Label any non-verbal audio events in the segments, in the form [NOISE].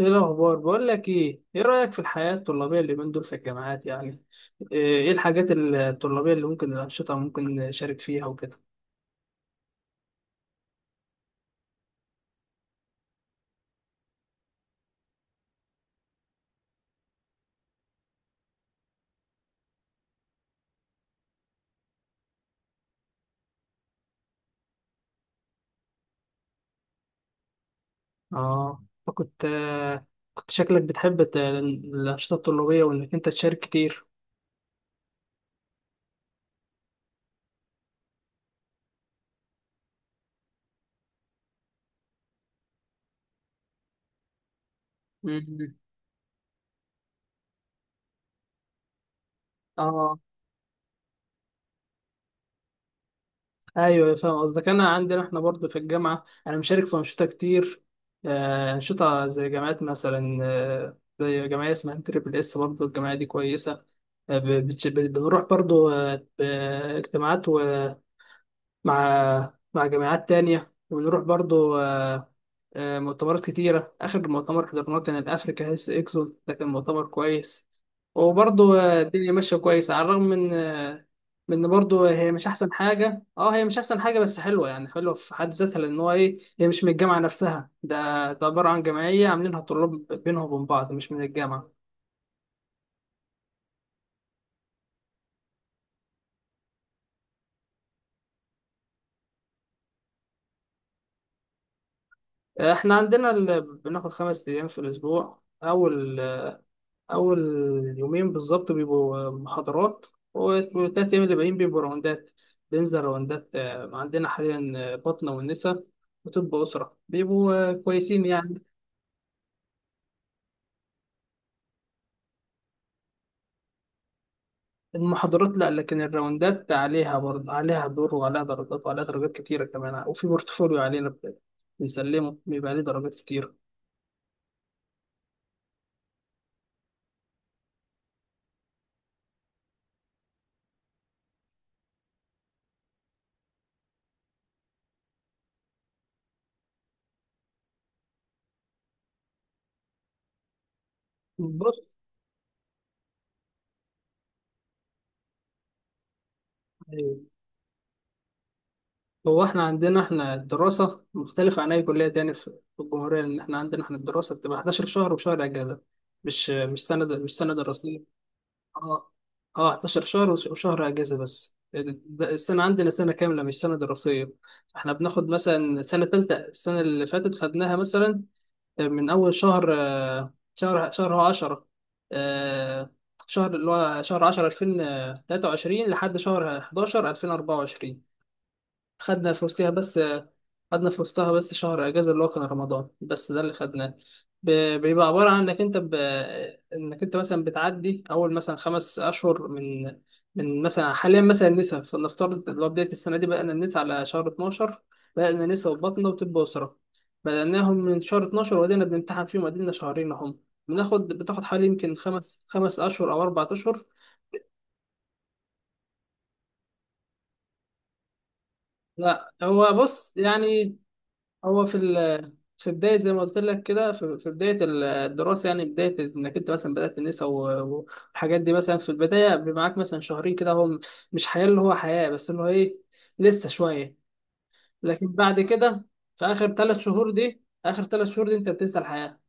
ايه الاخبار؟ بقول لك، ايه رايك في الحياه الطلابيه اللي من دول في الجامعات يعني؟ ايه؟ إيه الحاجات الطلابيه اللي ممكن، الانشطه ممكن نشارك فيها وكده؟ اه، أنت كنت شكلك بتحب الانشطه الطلابيه وانك انت تشارك كتير. مم. اه، ايوه، أيوة، فاهم قصدك. انا عندنا احنا برضو في الجامعه، انا مشارك في انشطه كتير. انشطه زي جامعات مثلا، زي جمعيه اسمها تريبل اس، برضو الجمعيه دي كويسه. بنروح برضو اجتماعات مع جامعات تانية، وبنروح برضو مؤتمرات كتيرة. آخر مؤتمر حضرناه كان الأفريكا هيلث إكسبو، ده كان مؤتمر كويس. وبرضو الدنيا ماشية كويس، على الرغم من من إن برضو هي مش أحسن حاجة. هي مش أحسن حاجة، بس حلوة يعني، حلوة في حد ذاتها، لأن هو إيه، هي مش من الجامعة نفسها. ده عبارة عن جمعية عاملينها طلاب بينهم وبين بعض، مش من الجامعة. إحنا عندنا بناخد 5 أيام في الأسبوع. أول يومين بالظبط بيبقوا محاضرات، والتلات أيام اللي باقيين بيبقوا راوندات. بننزل راوندات. عندنا حاليا باطنة والنسا وطب أسرة، بيبقوا كويسين يعني. المحاضرات لأ، لكن الراوندات عليها برضه، عليها دور وعليها درجات، وعليها درجات كتيرة كمان. وفي بورتفوليو علينا بنسلمه بيبقى عليه درجات كتيرة. بص، هو احنا عندنا احنا الدراسة مختلفة عن أي كلية تاني في الجمهورية، لأن احنا عندنا احنا الدراسة بتبقى 11 شهر وشهر أجازة. مش سنة، مش سنة دراسية. اه، اه، 11 شهر وشهر أجازة، بس ده السنة عندنا سنة كاملة، مش سنة دراسية. احنا بناخد مثلا سنة تالتة، السنة اللي فاتت خدناها مثلا من أول شهر هو 10. آه، شهر اللي هو شهر 10 2023 لحد شهر 11 2024. خدنا في وسطها بس. خدنا في وسطها بس شهر اجازه اللي هو كان رمضان، بس ده اللي خدناه. بيبقى عباره عن انك انت مثلا بتعدي اول مثلا خمس اشهر من مثلا، حاليا مثلا النسا، فلنفترض اللي هو بدايه السنه دي بدأنا النسا على شهر 12. بدأنا نسا وبطنه وطب اسره، بدأناهم من شهر 12 وبدأنا بنمتحن فيهم، وادينا شهرين اهم. بناخد، بتاخد حوالي يمكن خمس اشهر او اربع اشهر. لا، هو بص يعني، هو في في بداية، زي ما قلت لك كده، في بداية الدراسة، يعني بداية إنك أنت مثلا بدأت النسا والحاجات دي، مثلا في البداية بيبقى معاك مثلا شهرين كده، هو مش حياة، اللي هو حياة بس، اللي هو لسه شوية. لكن بعد كده، في آخر ثلاث شهور دي، آخر ثلاث شهور دي أنت بتنسى الحياة.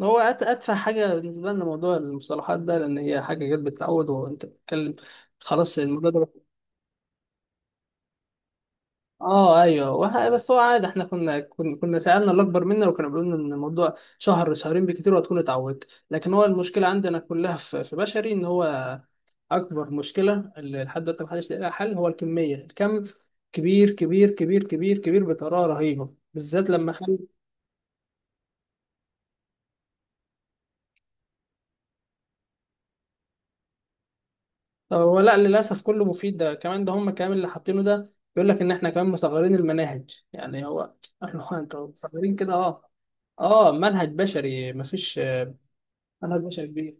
هو أتفه حاجة بالنسبة لنا موضوع المصطلحات ده، لأن هي حاجة جت بالتعود، وأنت بتتكلم خلاص الموضوع ده. اه، ايوه، بس هو عادي، احنا كنا سالنا اللي اكبر منا، وكانوا بيقولوا لنا ان الموضوع شهر شهرين بكتير وهتكون اتعودت. لكن هو المشكله عندنا كلها في بشري، ان هو اكبر مشكله اللي لحد دلوقتي محدش لاقي لها حل، هو الكميه، الكم كبير كبير كبير كبير كبير بطريقه رهيبه، بالذات لما خل هو لا، للاسف كله مفيد، ده كمان، ده هم كمان اللي حاطينه ده، بيقول لك ان احنا كمان مصغرين المناهج، يعني هو [LAUGHS] احنا، هو انتوا مصغرين كده؟ اه، اه، منهج بشري مفيش، منهج بشري كبير.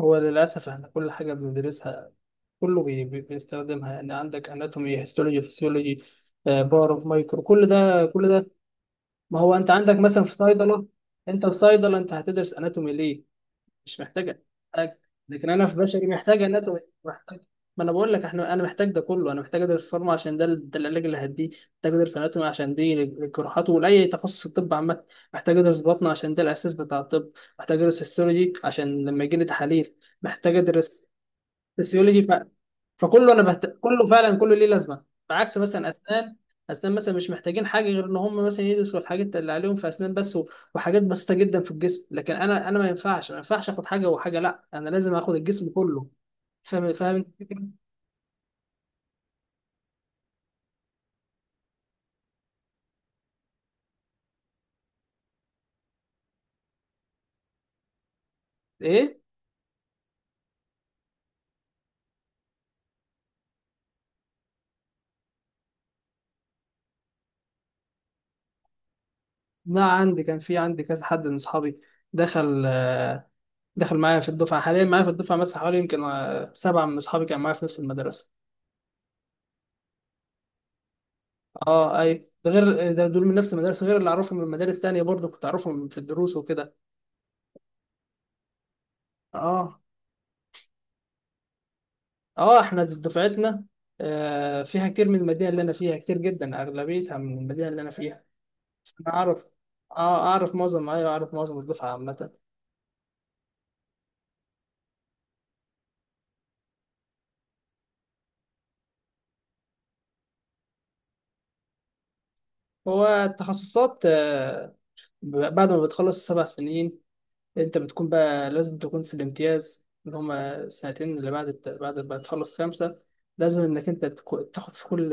هو للأسف احنا كل حاجة بندرسها، كله بيستخدمها، يعني عندك اناتومي، هيستولوجي، فسيولوجي، باور، مايكرو، كل ده كل ده. ما هو انت عندك مثلا في صيدلة، انت في صيدلة انت هتدرس اناتومي ليه؟ مش محتاجة. محتاج. لكن انا في بشري محتاج اناتومي، محتاج. ما انا بقول لك احنا، انا محتاج ده كله. انا محتاج ادرس فارما عشان ده، ده العلاج اللي هديه. محتاج ادرس اناتومي عشان دي الجراحات، ولاي تخصص في الطب عامة. محتاج ادرس بطن عشان ده الاساس بتاع الطب. محتاج ادرس هيستولوجي عشان لما يجي لي تحاليل. محتاج ادرس فسيولوجي فكله، كله فعلا، كله ليه لازمه. بعكس مثلا اسنان، اسنان مثلا مش محتاجين حاجه غير ان هم مثلا يدرسوا الحاجات اللي عليهم في اسنان بس، وحاجات بسيطه جدا في الجسم. لكن انا ما ينفعش، انا ما ينفعش اخد حاجه وحاجه، لا، انا لازم اخد الجسم كله. فاهم، فاهم أنت الفكرة؟ ايه؟ لا، عندي كان في، عندي كذا حد من اصحابي دخل دخل معايا في الدفعه. حاليا معايا في الدفعه مثلا حوالي يمكن سبعه من اصحابي كانوا معايا في نفس المدرسه. اه، اي، ده غير، ده دول من نفس المدرسه، غير اللي اعرفهم من مدارس تانية برضه كنت اعرفهم في الدروس وكده. اه، اه، احنا دفعتنا فيها كتير من المدينه اللي انا فيها، كتير جدا، اغلبيتها من المدينه اللي انا فيها. انا اعرف، اه، اعرف معظم، ايوه اعرف معظم الدفعه عامه. هو التخصصات، بعد ما بتخلص السبع سنين، انت بتكون بقى لازم تكون في الامتياز، اللي هما السنتين اللي بعد بعد ما تخلص خمسة. لازم انك انت تاخد في كل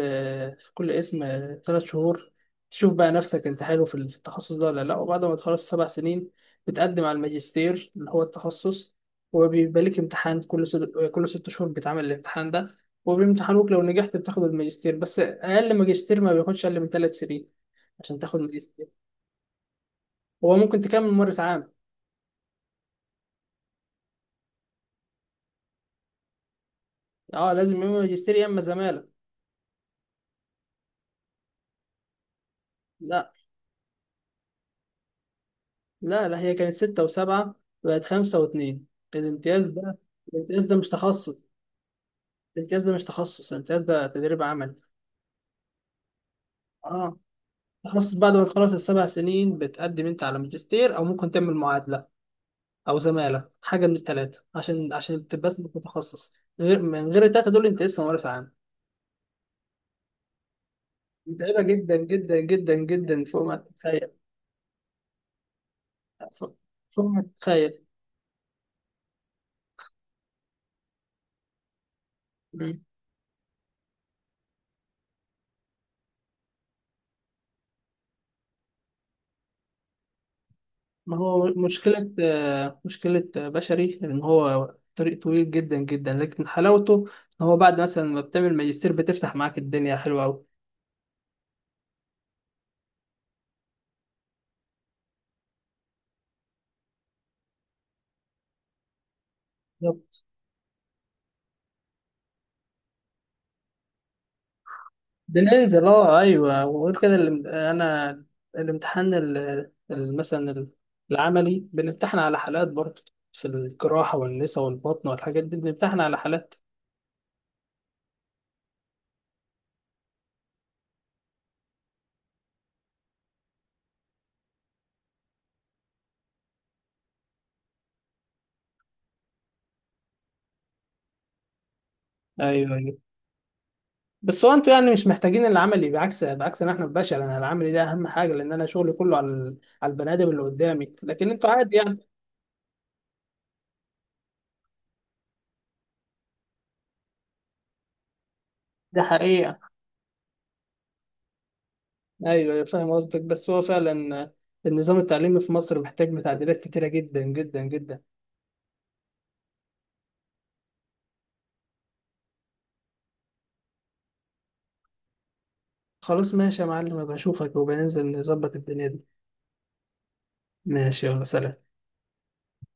اسم 3 شهور، تشوف بقى نفسك انت حلو في التخصص ده ولا لا. وبعد ما تخلص سبع سنين، بتقدم على الماجستير اللي هو التخصص. وبيبقى لك امتحان كل 6 شهور، بتعمل الامتحان ده. وبيمتحنوك، لو نجحت بتاخد الماجستير. بس اقل ماجستير ما بياخدش اقل من 3 سنين عشان تاخد ماجستير. هو ممكن تكمل ممارس عام. اه، لازم يا اما ماجستير يا اما زمالة. لا، لا، لا، هي كانت ستة وسبعة، بقت خمسة واتنين. الامتياز ده، الامتياز ده مش تخصص، الامتياز ده مش تخصص، الامتياز ده تدريب عمل. اه، تخصص بعد ما تخلص السبع سنين، بتقدم انت على ماجستير، او ممكن تعمل معادلة، او زمالة، حاجة من التلاتة عشان تبقى اسمك متخصص. غير من غير التلاتة دول، انت لسه ممارس عام. متعبة جدا جدا جدا جدا، فوق ما تتخيل. فوق ما تتخيل. ما هو مشكلة بشري إن هو طريق طويل جدا جدا، لكن حلاوته إن هو بعد مثلا ما بتعمل ماجستير بتفتح معاك الدنيا حلوة أوي. بالظبط. بننزل. أه، أيوه، وغير كده أنا الامتحان مثلا العملي بنمتحن على حالات برضه، في الجراحة والنسا والبطن والحاجات دي بنمتحن على حالات. أيوه، أيوه، بس هو انتوا يعني مش محتاجين العملي، بعكس ان احنا البشر، انا العملي ده اهم حاجه، لان انا شغلي كله على على البني ادم اللي قدامي، لكن انتوا عادي يعني. ده حقيقة. ايوه، أيوة، فاهم قصدك. بس هو فعلا النظام التعليمي في مصر محتاج تعديلات كتيره جدا جدا جدا. خلاص ماشي يا معلم، بشوفك، وبننزل نظبط الدنيا دي. ماشي، يلا سلام.